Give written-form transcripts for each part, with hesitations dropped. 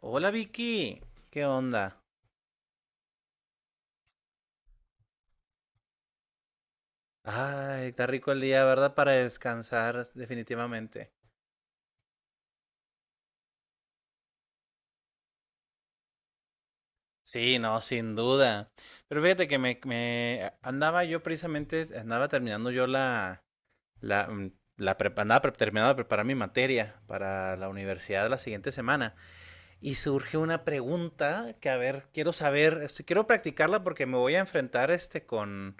Hola Vicky, ¿qué onda? Ay, está rico el día, ¿verdad? Para descansar, definitivamente. Sí, no, sin duda. Pero fíjate que andaba yo precisamente, andaba terminando yo la, la, mm, la prep- andaba pre- terminando de preparar mi materia para la universidad la siguiente semana. Y surge una pregunta que, a ver, quiero saber, quiero practicarla porque me voy a enfrentar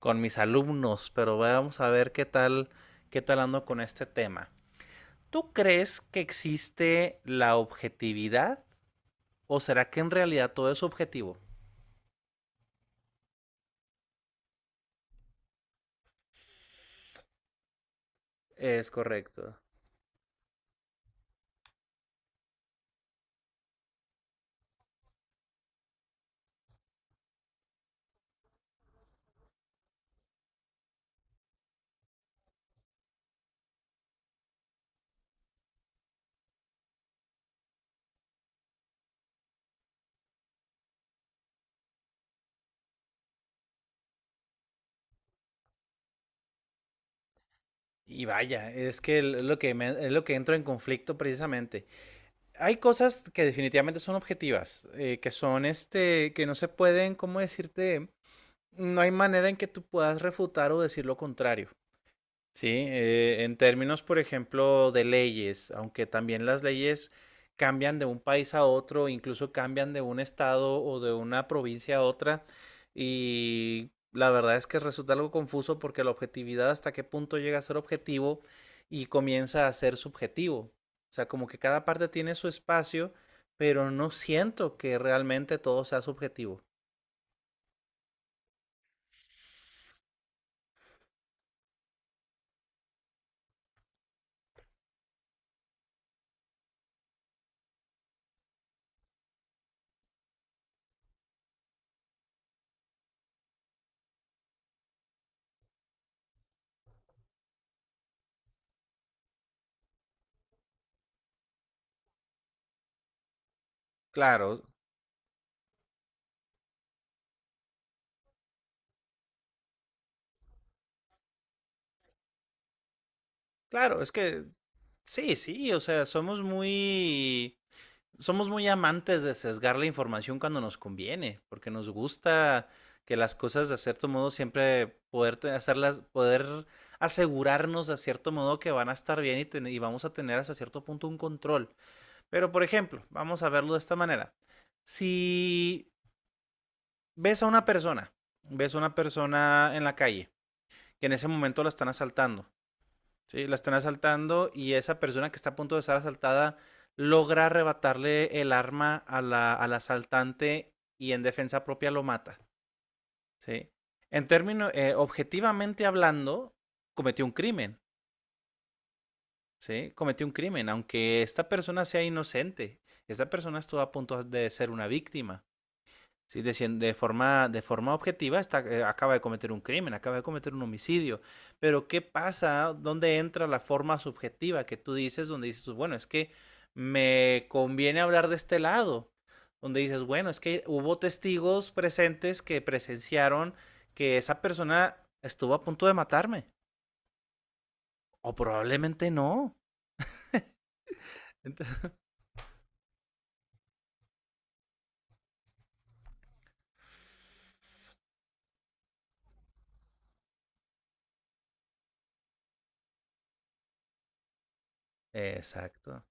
con mis alumnos, pero vamos a ver qué tal ando con este tema. ¿Tú crees que existe la objetividad o será que en realidad todo es objetivo? Es correcto. Y vaya, es que es lo que entro en conflicto precisamente. Hay cosas que definitivamente son objetivas, que son este, que no se pueden, ¿cómo decirte? No hay manera en que tú puedas refutar o decir lo contrario. Sí, en términos, por ejemplo, de leyes, aunque también las leyes cambian de un país a otro, incluso cambian de un estado o de una provincia a otra, y la verdad es que resulta algo confuso porque la objetividad hasta qué punto llega a ser objetivo y comienza a ser subjetivo. O sea, como que cada parte tiene su espacio, pero no siento que realmente todo sea subjetivo. Claro, claro, es que sí, sí, o sea, somos muy amantes de sesgar la información cuando nos conviene, porque nos gusta que las cosas de cierto modo siempre poder hacerlas, poder asegurarnos de cierto modo que van a estar bien y, y vamos a tener hasta cierto punto un control. Pero por ejemplo, vamos a verlo de esta manera. Si ves a una persona, ves a una persona en la calle, que en ese momento la están asaltando. Sí, la están asaltando y esa persona que está a punto de ser asaltada logra arrebatarle el arma a al asaltante y en defensa propia lo mata. ¿Sí? En términos, objetivamente hablando, cometió un crimen. ¿Sí? Cometió un crimen, aunque esta persona sea inocente. Esta persona estuvo a punto de ser una víctima. Sí, de forma objetiva está, acaba de cometer un crimen, acaba de cometer un homicidio. Pero ¿qué pasa? ¿Dónde entra la forma subjetiva que tú dices? Donde dices, bueno, es que me conviene hablar de este lado. Donde dices, bueno, es que hubo testigos presentes que presenciaron que esa persona estuvo a punto de matarme. O probablemente no. Ent- Exacto.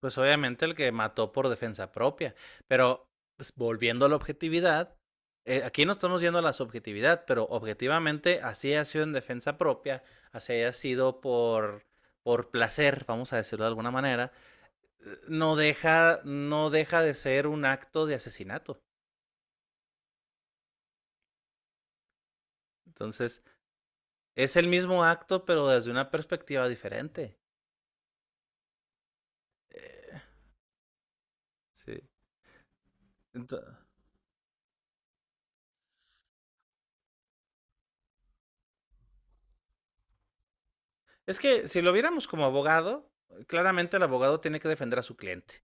Pues obviamente el que mató por defensa propia. Pero pues, volviendo a la objetividad, aquí no estamos yendo a la subjetividad, pero objetivamente así ha sido en defensa propia, así ha sido por placer, vamos a decirlo de alguna manera, no deja de ser un acto de asesinato. Entonces, es el mismo acto, pero desde una perspectiva diferente. Sí. Entonces, es que si lo viéramos como abogado, claramente el abogado tiene que defender a su cliente.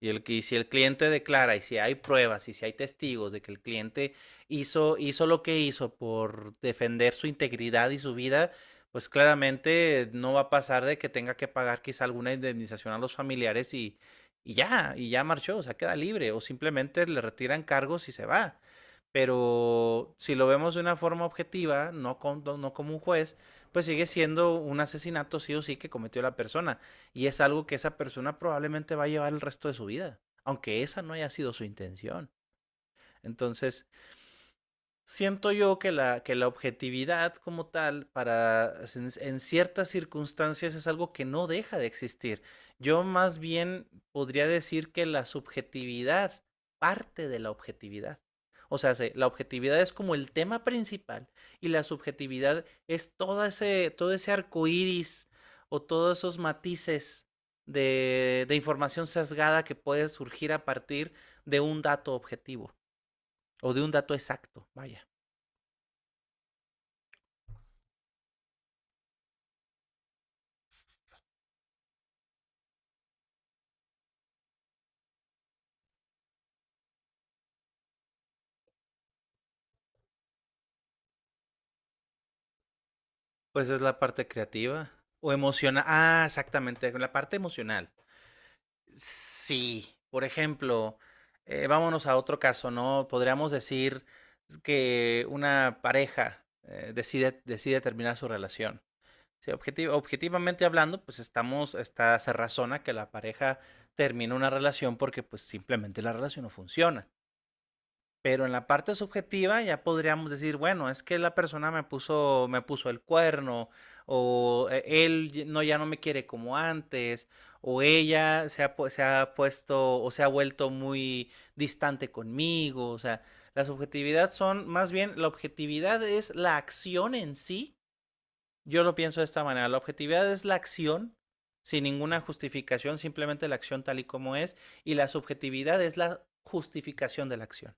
Y, y si el cliente declara y si hay pruebas y si hay testigos de que el cliente hizo lo que hizo por defender su integridad y su vida, pues claramente no va a pasar de que tenga que pagar quizá alguna indemnización a los familiares y ya marchó, o sea, queda libre o simplemente le retiran cargos y se va. Pero si lo vemos de una forma objetiva, no, no como un juez, pues sigue siendo un asesinato sí o sí que cometió la persona. Y es algo que esa persona probablemente va a llevar el resto de su vida, aunque esa no haya sido su intención. Entonces, siento yo que que la objetividad como tal, para en ciertas circunstancias, es algo que no deja de existir. Yo más bien podría decir que la subjetividad parte de la objetividad. O sea, la objetividad es como el tema principal y la subjetividad es todo ese arco iris o todos esos matices de información sesgada que puede surgir a partir de un dato objetivo o de un dato exacto. Vaya. Pues es la parte creativa. O emocional. Ah, exactamente, la parte emocional. Sí, por ejemplo, vámonos a otro caso, ¿no? Podríamos decir que una pareja decide terminar su relación. Sí, objetivamente hablando, pues estamos, está, se razona que la pareja termina una relación porque pues simplemente la relación no funciona. Pero en la parte subjetiva ya podríamos decir, bueno, es que la persona me puso el cuerno, o no, ya no me quiere como antes, o ella se ha puesto o se ha vuelto muy distante conmigo. O sea, la subjetividad son, más bien, la objetividad es la acción en sí. Yo lo pienso de esta manera. La objetividad es la acción sin ninguna justificación, simplemente la acción tal y como es, y la subjetividad es la justificación de la acción.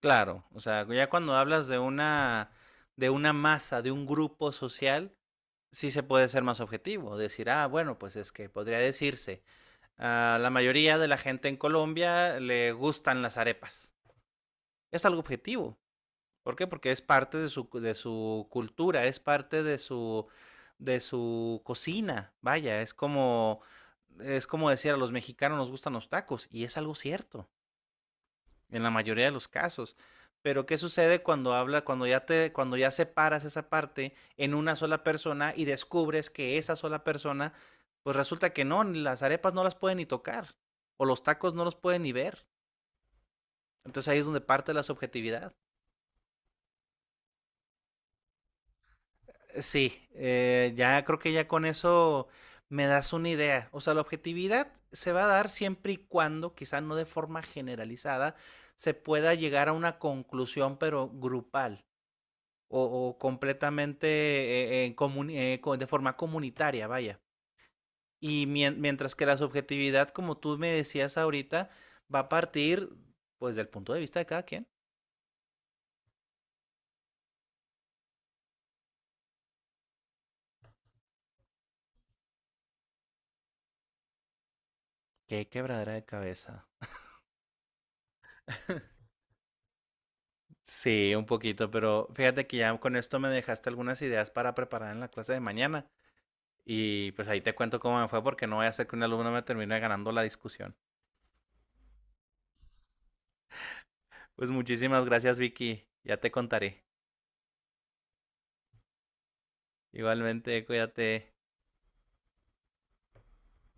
Claro, o sea, ya cuando hablas de de una masa, de un grupo social, sí se puede ser más objetivo, decir, ah, bueno, pues es que podría decirse, a la mayoría de la gente en Colombia le gustan las arepas. Es algo objetivo. ¿Por qué? Porque es parte de de su cultura, es parte de de su cocina. Vaya, es como decir a los mexicanos nos gustan los tacos, y es algo cierto en la mayoría de los casos. Pero ¿qué sucede cuando cuando ya separas esa parte en una sola persona y descubres que esa sola persona, pues resulta que no, ni las arepas no las pueden ni tocar, o los tacos no los pueden ni ver. Entonces ahí es donde parte la subjetividad. Sí, ya creo que ya con eso me das una idea. O sea, la objetividad se va a dar siempre y cuando, quizá no de forma generalizada, se pueda llegar a una conclusión, pero grupal. O completamente de forma comunitaria, vaya. Y mientras que la subjetividad, como tú me decías ahorita, va a partir pues del punto de vista de cada quien. Qué quebradera de cabeza. Sí, un poquito, pero fíjate que ya con esto me dejaste algunas ideas para preparar en la clase de mañana. Y pues ahí te cuento cómo me fue porque no voy a hacer que un alumno me termine ganando la discusión. Pues muchísimas gracias, Vicky. Ya te contaré. Igualmente, cuídate.